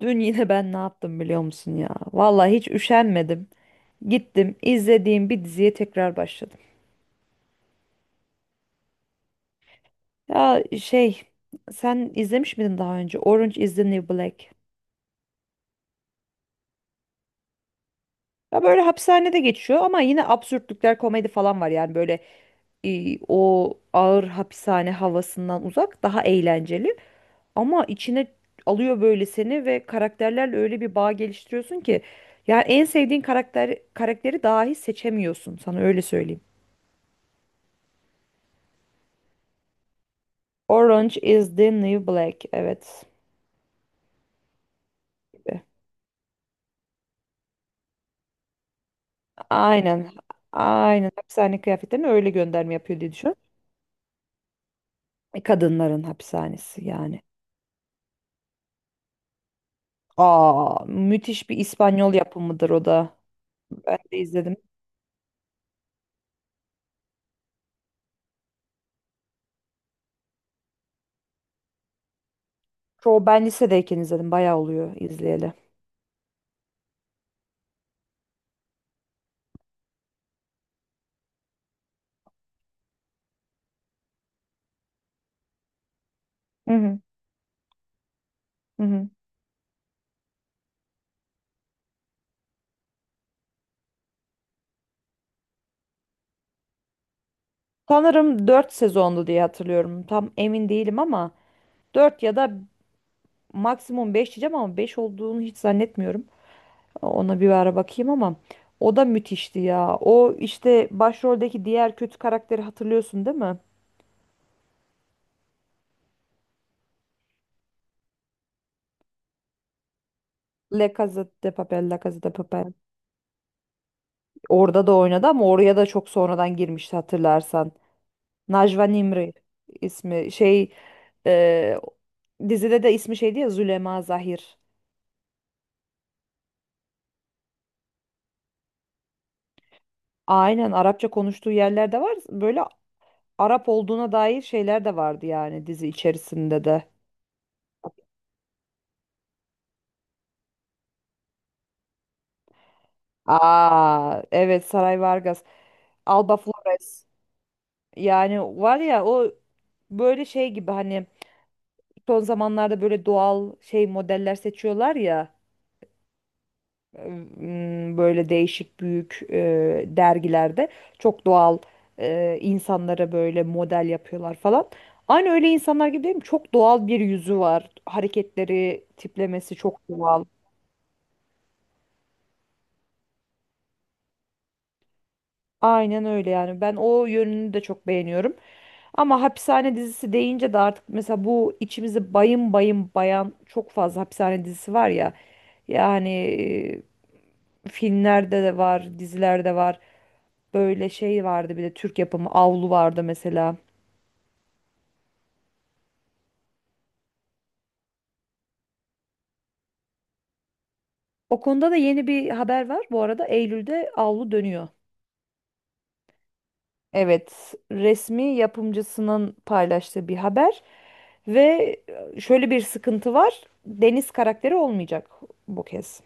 Dün yine ben ne yaptım biliyor musun ya? Vallahi hiç üşenmedim. Gittim izlediğim bir diziye tekrar başladım. Ya sen izlemiş miydin daha önce Orange is the New Black? Ya böyle hapishanede geçiyor ama yine absürtlükler komedi falan var yani böyle o ağır hapishane havasından uzak daha eğlenceli ama içine alıyor böyle seni ve karakterlerle öyle bir bağ geliştiriyorsun ki yani en sevdiğin karakter karakteri dahi seçemiyorsun sana öyle söyleyeyim. Orange is the New Black. Evet. Aynen. Aynen. Hapishane kıyafetlerine öyle gönderme yapıyor diye düşün. Kadınların hapishanesi yani. Aa, müthiş bir İspanyol yapımıdır o da. Ben de izledim. Çoğu ben lisedeyken izledim. Bayağı oluyor izleyeli. Hı hı. Hı hı. Sanırım 4 sezondu diye hatırlıyorum. Tam emin değilim ama 4 ya da maksimum 5 diyeceğim ama 5 olduğunu hiç zannetmiyorum. Ona bir ara bakayım ama o da müthişti ya. O işte başroldeki diğer kötü karakteri hatırlıyorsun değil mi? La Casa de Papel, La Casa de Papel. Orada da oynadı ama oraya da çok sonradan girmişti hatırlarsan. Najwa Nimri ismi şey e, dizide de ismi şeydi ya Züleyma Zahir. Aynen Arapça konuştuğu yerlerde var. Böyle Arap olduğuna dair şeyler de vardı yani dizi içerisinde de. Aa evet Saray Vargas, Alba Flores. Yani var ya o böyle şey gibi hani son zamanlarda böyle doğal şey modeller seçiyorlar ya böyle değişik büyük dergilerde çok doğal insanlara böyle model yapıyorlar falan. Aynı öyle insanlar gibi değil mi? Çok doğal bir yüzü var. Hareketleri, tiplemesi çok doğal. Aynen öyle yani. Ben o yönünü de çok beğeniyorum. Ama hapishane dizisi deyince de artık mesela bu içimizi bayım bayım bayan çok fazla hapishane dizisi var ya. Yani filmlerde de var, dizilerde var. Böyle şey vardı bir de Türk yapımı Avlu vardı mesela. O konuda da yeni bir haber var. Bu arada Eylül'de Avlu dönüyor. Evet, resmi yapımcısının paylaştığı bir haber ve şöyle bir sıkıntı var. Deniz karakteri olmayacak bu kez.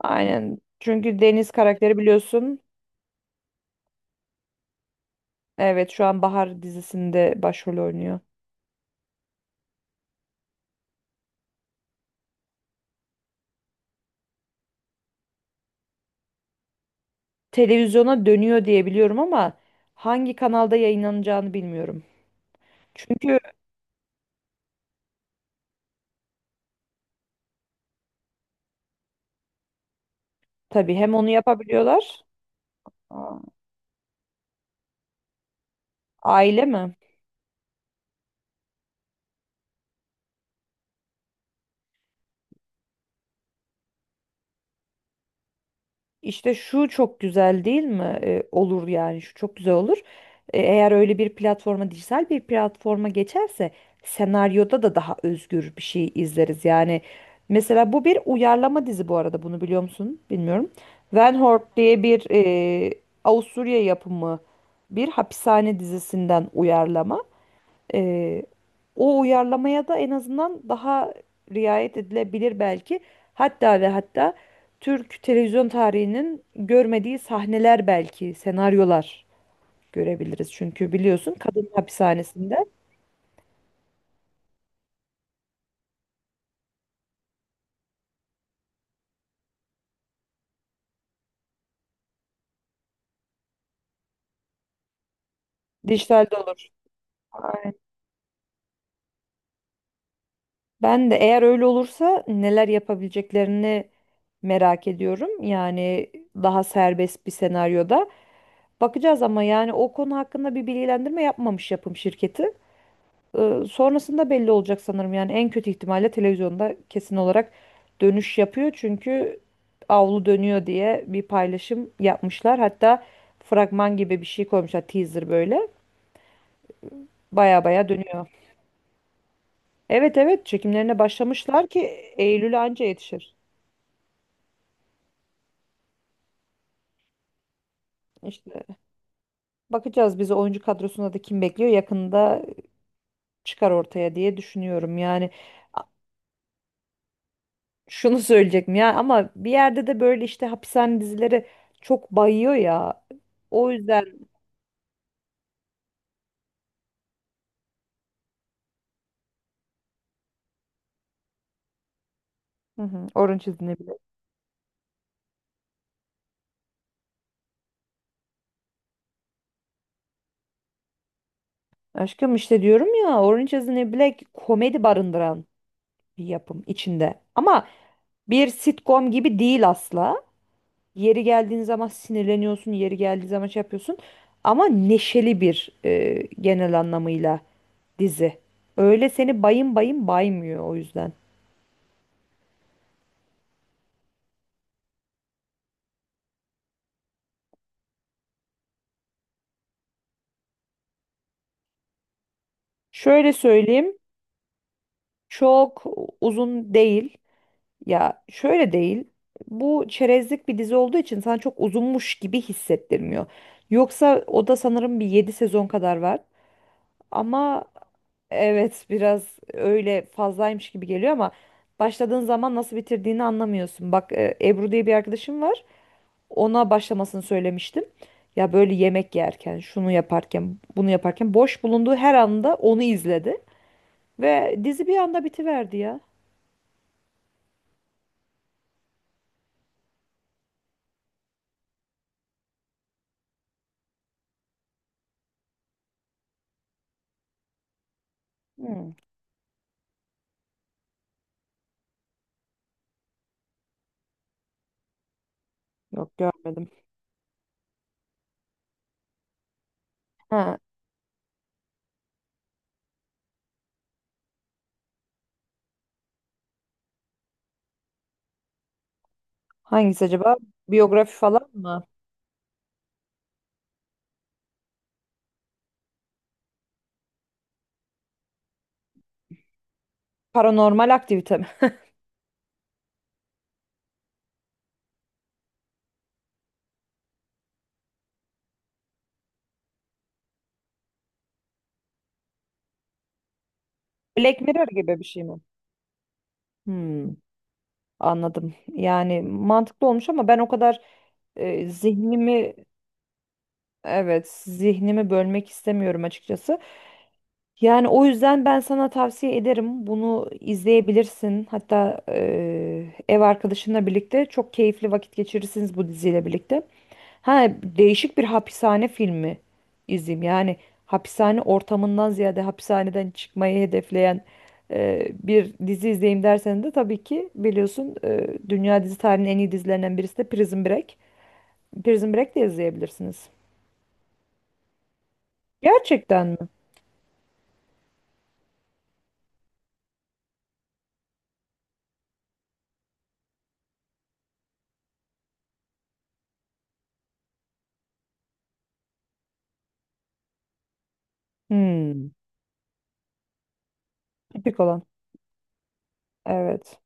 Aynen. Çünkü Deniz karakteri biliyorsun. Evet, şu an Bahar dizisinde başrol oynuyor. Televizyona dönüyor diye biliyorum ama hangi kanalda yayınlanacağını bilmiyorum. Çünkü tabii hem onu yapabiliyorlar. Aa, Aile mi? İşte şu çok güzel değil mi? Olur yani şu çok güzel olur. Eğer öyle bir platforma, dijital bir platforma geçerse senaryoda da daha özgür bir şey izleriz. Yani mesela bu bir uyarlama dizi bu arada bunu biliyor musun? Bilmiyorum. Van Hort diye bir Avusturya yapımı bir hapishane dizisinden uyarlama. Ee, o uyarlamaya da en azından daha riayet edilebilir belki. Hatta ve hatta Türk televizyon tarihinin görmediği sahneler belki, senaryolar görebiliriz. Çünkü biliyorsun kadın hapishanesinde dijitalde olur. Aynen. Ben de eğer öyle olursa neler yapabileceklerini merak ediyorum. Yani daha serbest bir senaryoda. Bakacağız ama yani o konu hakkında bir bilgilendirme yapmamış yapım şirketi. Sonrasında belli olacak sanırım. Yani en kötü ihtimalle televizyonda kesin olarak dönüş yapıyor. Çünkü avlu dönüyor diye bir paylaşım yapmışlar. Hatta fragman gibi bir şey koymuşlar teaser böyle. Baya baya dönüyor. Evet evet çekimlerine başlamışlar ki Eylül'e anca yetişir. İşte bakacağız bizi oyuncu kadrosunda da kim bekliyor yakında çıkar ortaya diye düşünüyorum. Yani a- şunu söyleyecektim ya ama bir yerde de böyle işte hapishane dizileri çok bayıyor ya. O yüzden Hı hı. Orange is the New Black. Aşkım işte diyorum ya Orange is the New Black komedi barındıran bir yapım içinde. Ama bir sitcom gibi değil asla. Yeri geldiğin zaman sinirleniyorsun, yeri geldiği zaman şey yapıyorsun. Ama neşeli bir genel anlamıyla dizi. Öyle seni bayım bayım baymıyor o yüzden. Şöyle söyleyeyim, çok uzun değil. Ya şöyle değil. Bu çerezlik bir dizi olduğu için sana çok uzunmuş gibi hissettirmiyor. Yoksa o da sanırım bir 7 sezon kadar var. Ama evet biraz öyle fazlaymış gibi geliyor ama başladığın zaman nasıl bitirdiğini anlamıyorsun. Bak Ebru diye bir arkadaşım var. Ona başlamasını söylemiştim. Ya böyle yemek yerken, şunu yaparken, bunu yaparken boş bulunduğu her anda onu izledi ve dizi bir anda bitiverdi ya. Hmm, yok görmedim. Ha. Hangisi acaba? Biyografi falan mı? Paranormal aktivite mi? Black Mirror gibi bir şey mi? Hmm, anladım. Yani mantıklı olmuş ama ben o kadar e, zihnimi evet zihnimi bölmek istemiyorum açıkçası. Yani o yüzden ben sana tavsiye ederim. Bunu izleyebilirsin. Hatta ev arkadaşınla birlikte çok keyifli vakit geçirirsiniz bu diziyle birlikte. Ha değişik bir hapishane filmi izleyeyim. Yani hapishane ortamından ziyade hapishaneden çıkmayı hedefleyen bir dizi izleyeyim dersen de tabii ki biliyorsun dünya dizi tarihinin en iyi dizilerinden birisi de Prison Break. Prison Break de izleyebilirsiniz. Gerçekten mi? Hmm. Tipik olan. Evet.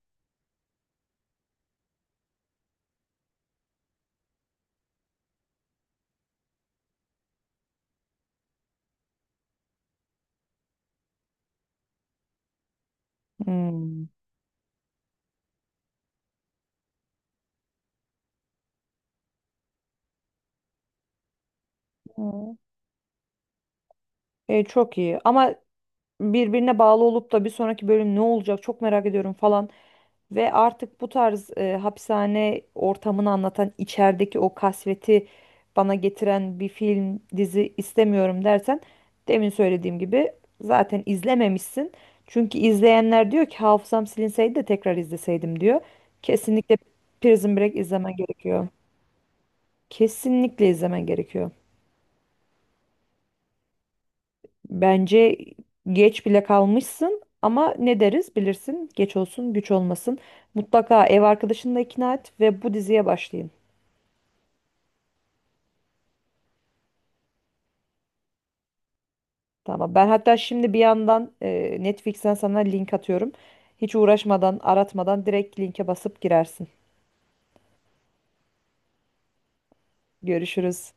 Hmm. Hı. Çok iyi ama birbirine bağlı olup da bir sonraki bölüm ne olacak çok merak ediyorum falan ve artık bu tarz hapishane ortamını anlatan içerideki o kasveti bana getiren bir film dizi istemiyorum dersen demin söylediğim gibi zaten izlememişsin. Çünkü izleyenler diyor ki hafızam silinseydi de tekrar izleseydim diyor. Kesinlikle Prison Break izlemen gerekiyor. Kesinlikle izlemen gerekiyor. Bence geç bile kalmışsın ama ne deriz bilirsin geç olsun güç olmasın. Mutlaka ev arkadaşını da ikna et ve bu diziye başlayın. Tamam ben hatta şimdi bir yandan Netflix'ten sana link atıyorum. Hiç uğraşmadan aratmadan direkt linke basıp girersin. Görüşürüz.